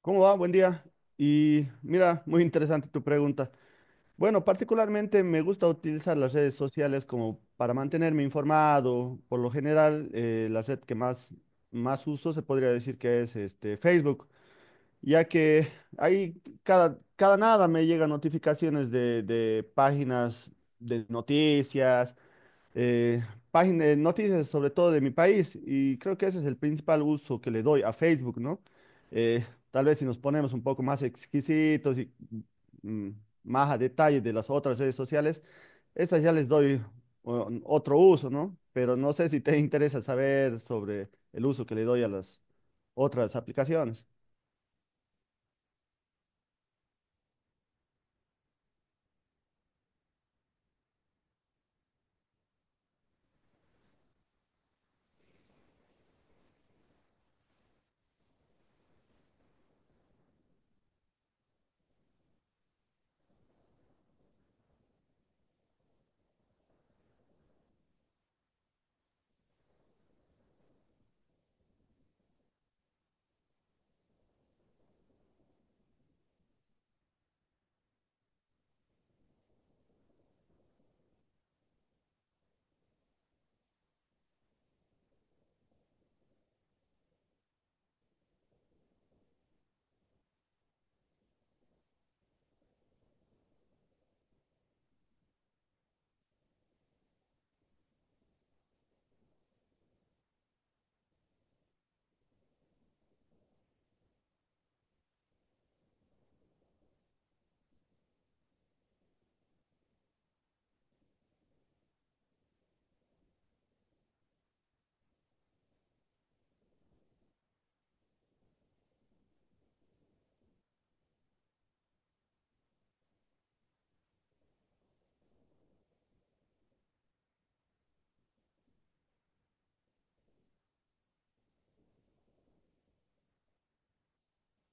¿Cómo va? Buen día. Y mira, muy interesante tu pregunta. Bueno, particularmente me gusta utilizar las redes sociales como para mantenerme informado. Por lo general, la red que más, más uso, se podría decir que es Facebook, ya que ahí cada nada me llegan notificaciones de páginas de noticias, eh, página de noticias sobre todo de mi país, y creo que ese es el principal uso que le doy a Facebook, ¿no? Eh, Tal vez si nos ponemos un poco más exquisitos y mm, más a detalle de las otras redes sociales, estas ya les doy otro uso, ¿no? Pero no sé si te interesa saber sobre el uso que le doy a las otras aplicaciones.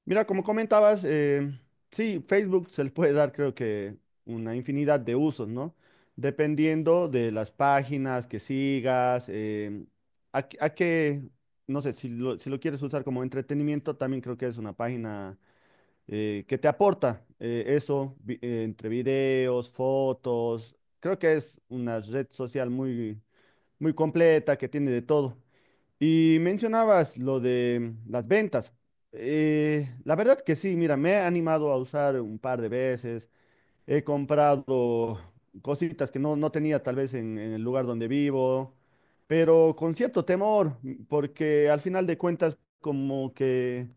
Mira, como comentabas, sí, Facebook se le puede dar, creo que, una infinidad de usos, ¿no? Dependiendo de las páginas que sigas, a, qué, a qué- no sé, si lo quieres usar como entretenimiento, también creo que es una página que te aporta, entre videos, fotos. Creo que es una red social muy completa, que tiene de todo. Y mencionabas lo de las ventas. La verdad que sí, mira, me he animado a usar un par de veces. He comprado cositas que no tenía tal vez en el lugar donde vivo, pero con cierto temor, porque al final de cuentas, como que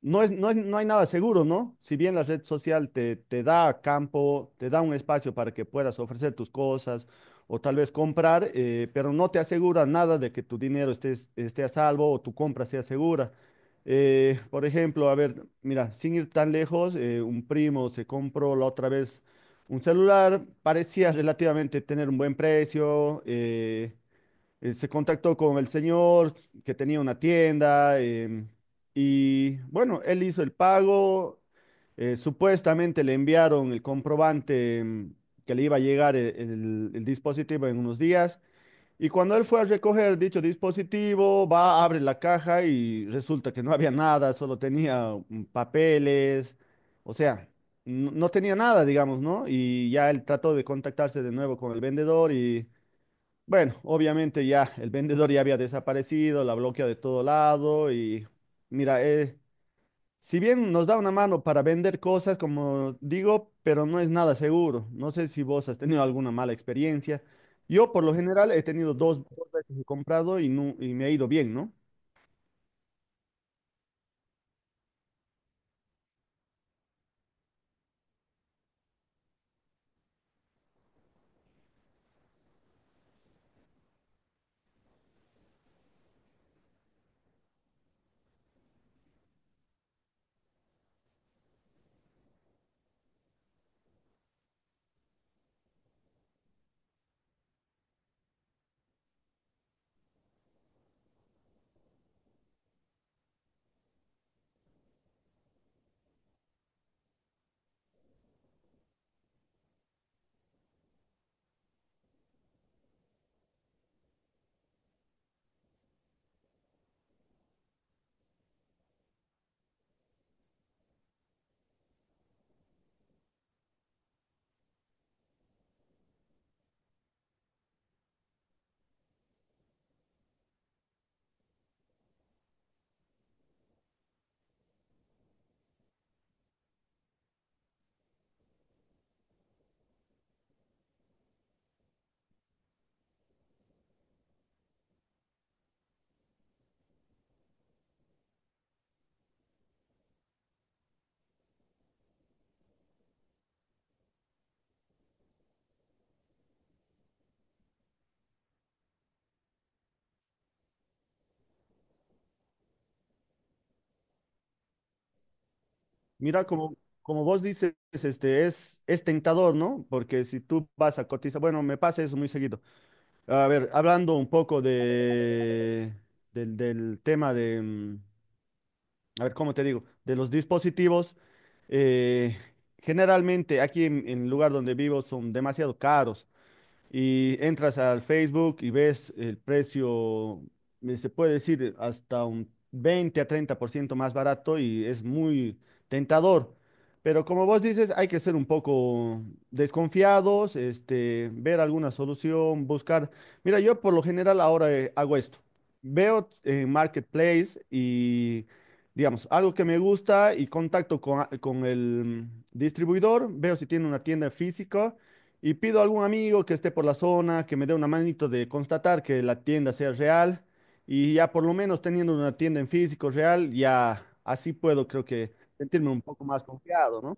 no hay nada seguro, ¿no? Si bien la red social te da campo, te da un espacio para que puedas ofrecer tus cosas o tal vez comprar, pero no te asegura nada de que tu dinero esté a salvo o tu compra sea segura. Por ejemplo, a ver, mira, sin ir tan lejos, un primo se compró la otra vez un celular. Parecía relativamente tener un buen precio. Se contactó con el señor que tenía una tienda, y bueno, él hizo el pago. Supuestamente le enviaron el comprobante, que le iba a llegar el dispositivo en unos días. Y cuando él fue a recoger dicho dispositivo, va, abre la caja y resulta que no había nada, solo tenía papeles. O sea, no tenía nada, digamos, ¿no? Y ya él trató de contactarse de nuevo con el vendedor y bueno, obviamente ya el vendedor ya había desaparecido, la bloquea de todo lado. Y mira, si bien nos da una mano para vender cosas, como digo, pero no es nada seguro. No sé si vos has tenido alguna mala experiencia. Yo, por lo general, he tenido dos veces he comprado y, y me ha ido bien, ¿no? Mira, como vos dices, este, es tentador, ¿no? Porque si tú vas a cotizar, bueno, me pasa eso muy seguido. A ver, hablando un poco del tema de a ver, ¿cómo te digo? De los dispositivos, eh, generalmente aquí en el lugar donde vivo son demasiado caros, y entras al Facebook y ves el precio. Se puede decir hasta un 20 a 30% más barato, y es muy tentador. Pero como vos dices, hay que ser un poco desconfiados, este, ver alguna solución, buscar. Mira, yo por lo general ahora hago esto. Veo en Marketplace y, digamos, algo que me gusta y contacto con el distribuidor. Veo si tiene una tienda física y pido a algún amigo que esté por la zona, que me dé una manito de constatar que la tienda sea real. Y ya, por lo menos teniendo una tienda en físico real, ya así puedo, creo que, sentirme un poco más confiado, ¿no?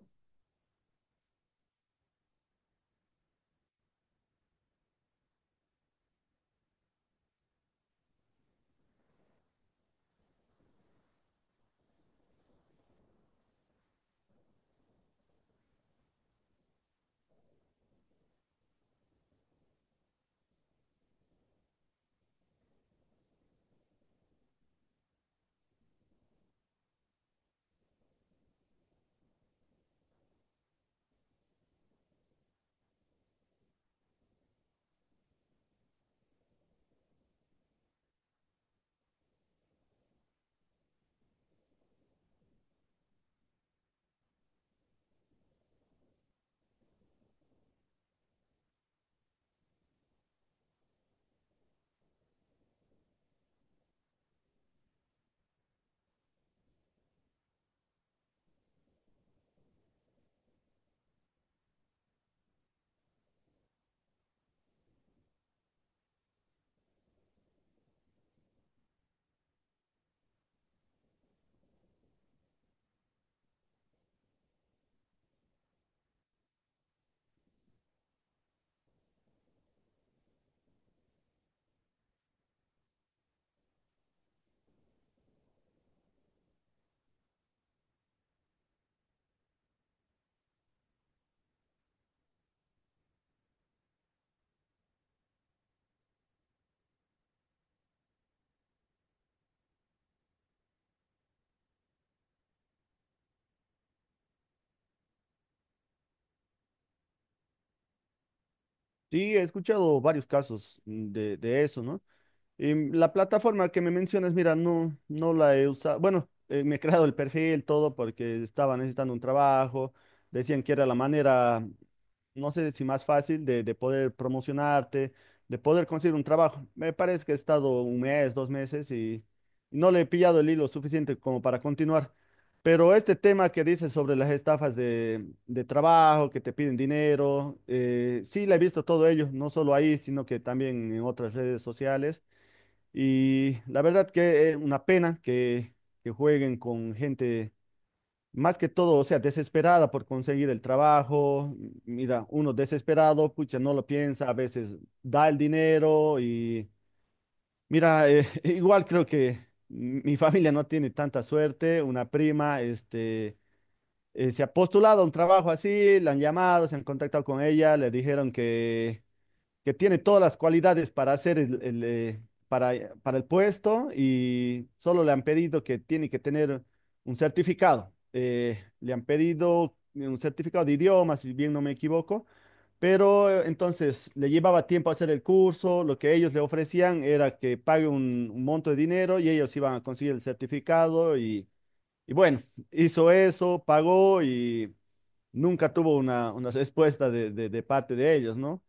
Sí, he escuchado varios casos, de eso, ¿no? Y la plataforma que me mencionas, mira, no la he usado. Bueno, me he creado el perfil, todo, porque estaba necesitando un trabajo. Decían que era la manera, no sé, si más fácil de poder promocionarte, de poder conseguir un trabajo. Me parece que he estado un mes, dos meses y no le he pillado el hilo suficiente como para continuar. Pero este tema que dices sobre las estafas de trabajo, que te piden dinero, sí, la he visto todo ello, no solo ahí, sino que también en otras redes sociales. Y la verdad que es una pena que jueguen con gente, más que todo, o sea, desesperada por conseguir el trabajo. Mira, uno desesperado, pucha, no lo piensa, a veces da el dinero. Y mira, igual creo que mi familia no tiene tanta suerte. Una prima, este, se ha postulado a un trabajo así, la han llamado, se han contactado con ella, le dijeron que tiene todas las cualidades para hacer para, para el puesto, y solo le han pedido que tiene que tener un certificado. Le han pedido un certificado de idiomas, si bien no me equivoco. Pero entonces le llevaba tiempo hacer el curso. Lo que ellos le ofrecían era que pague un monto de dinero y ellos iban a conseguir el certificado. Y, y bueno, hizo eso, pagó y nunca tuvo una respuesta de parte de ellos, ¿no?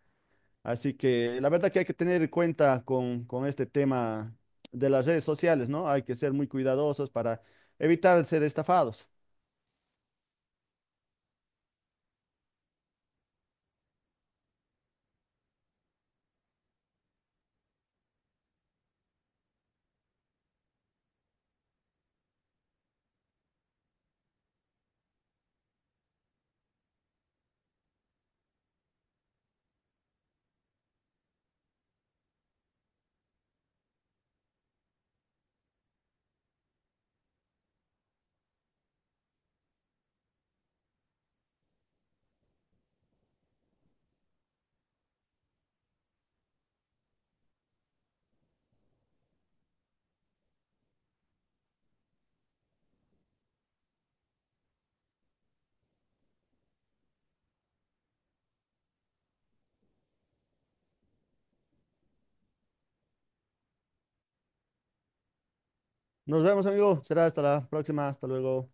Así que la verdad que hay que tener en cuenta con este tema de las redes sociales, ¿no? Hay que ser muy cuidadosos para evitar ser estafados. Nos vemos, amigo. Será hasta la próxima. Hasta luego.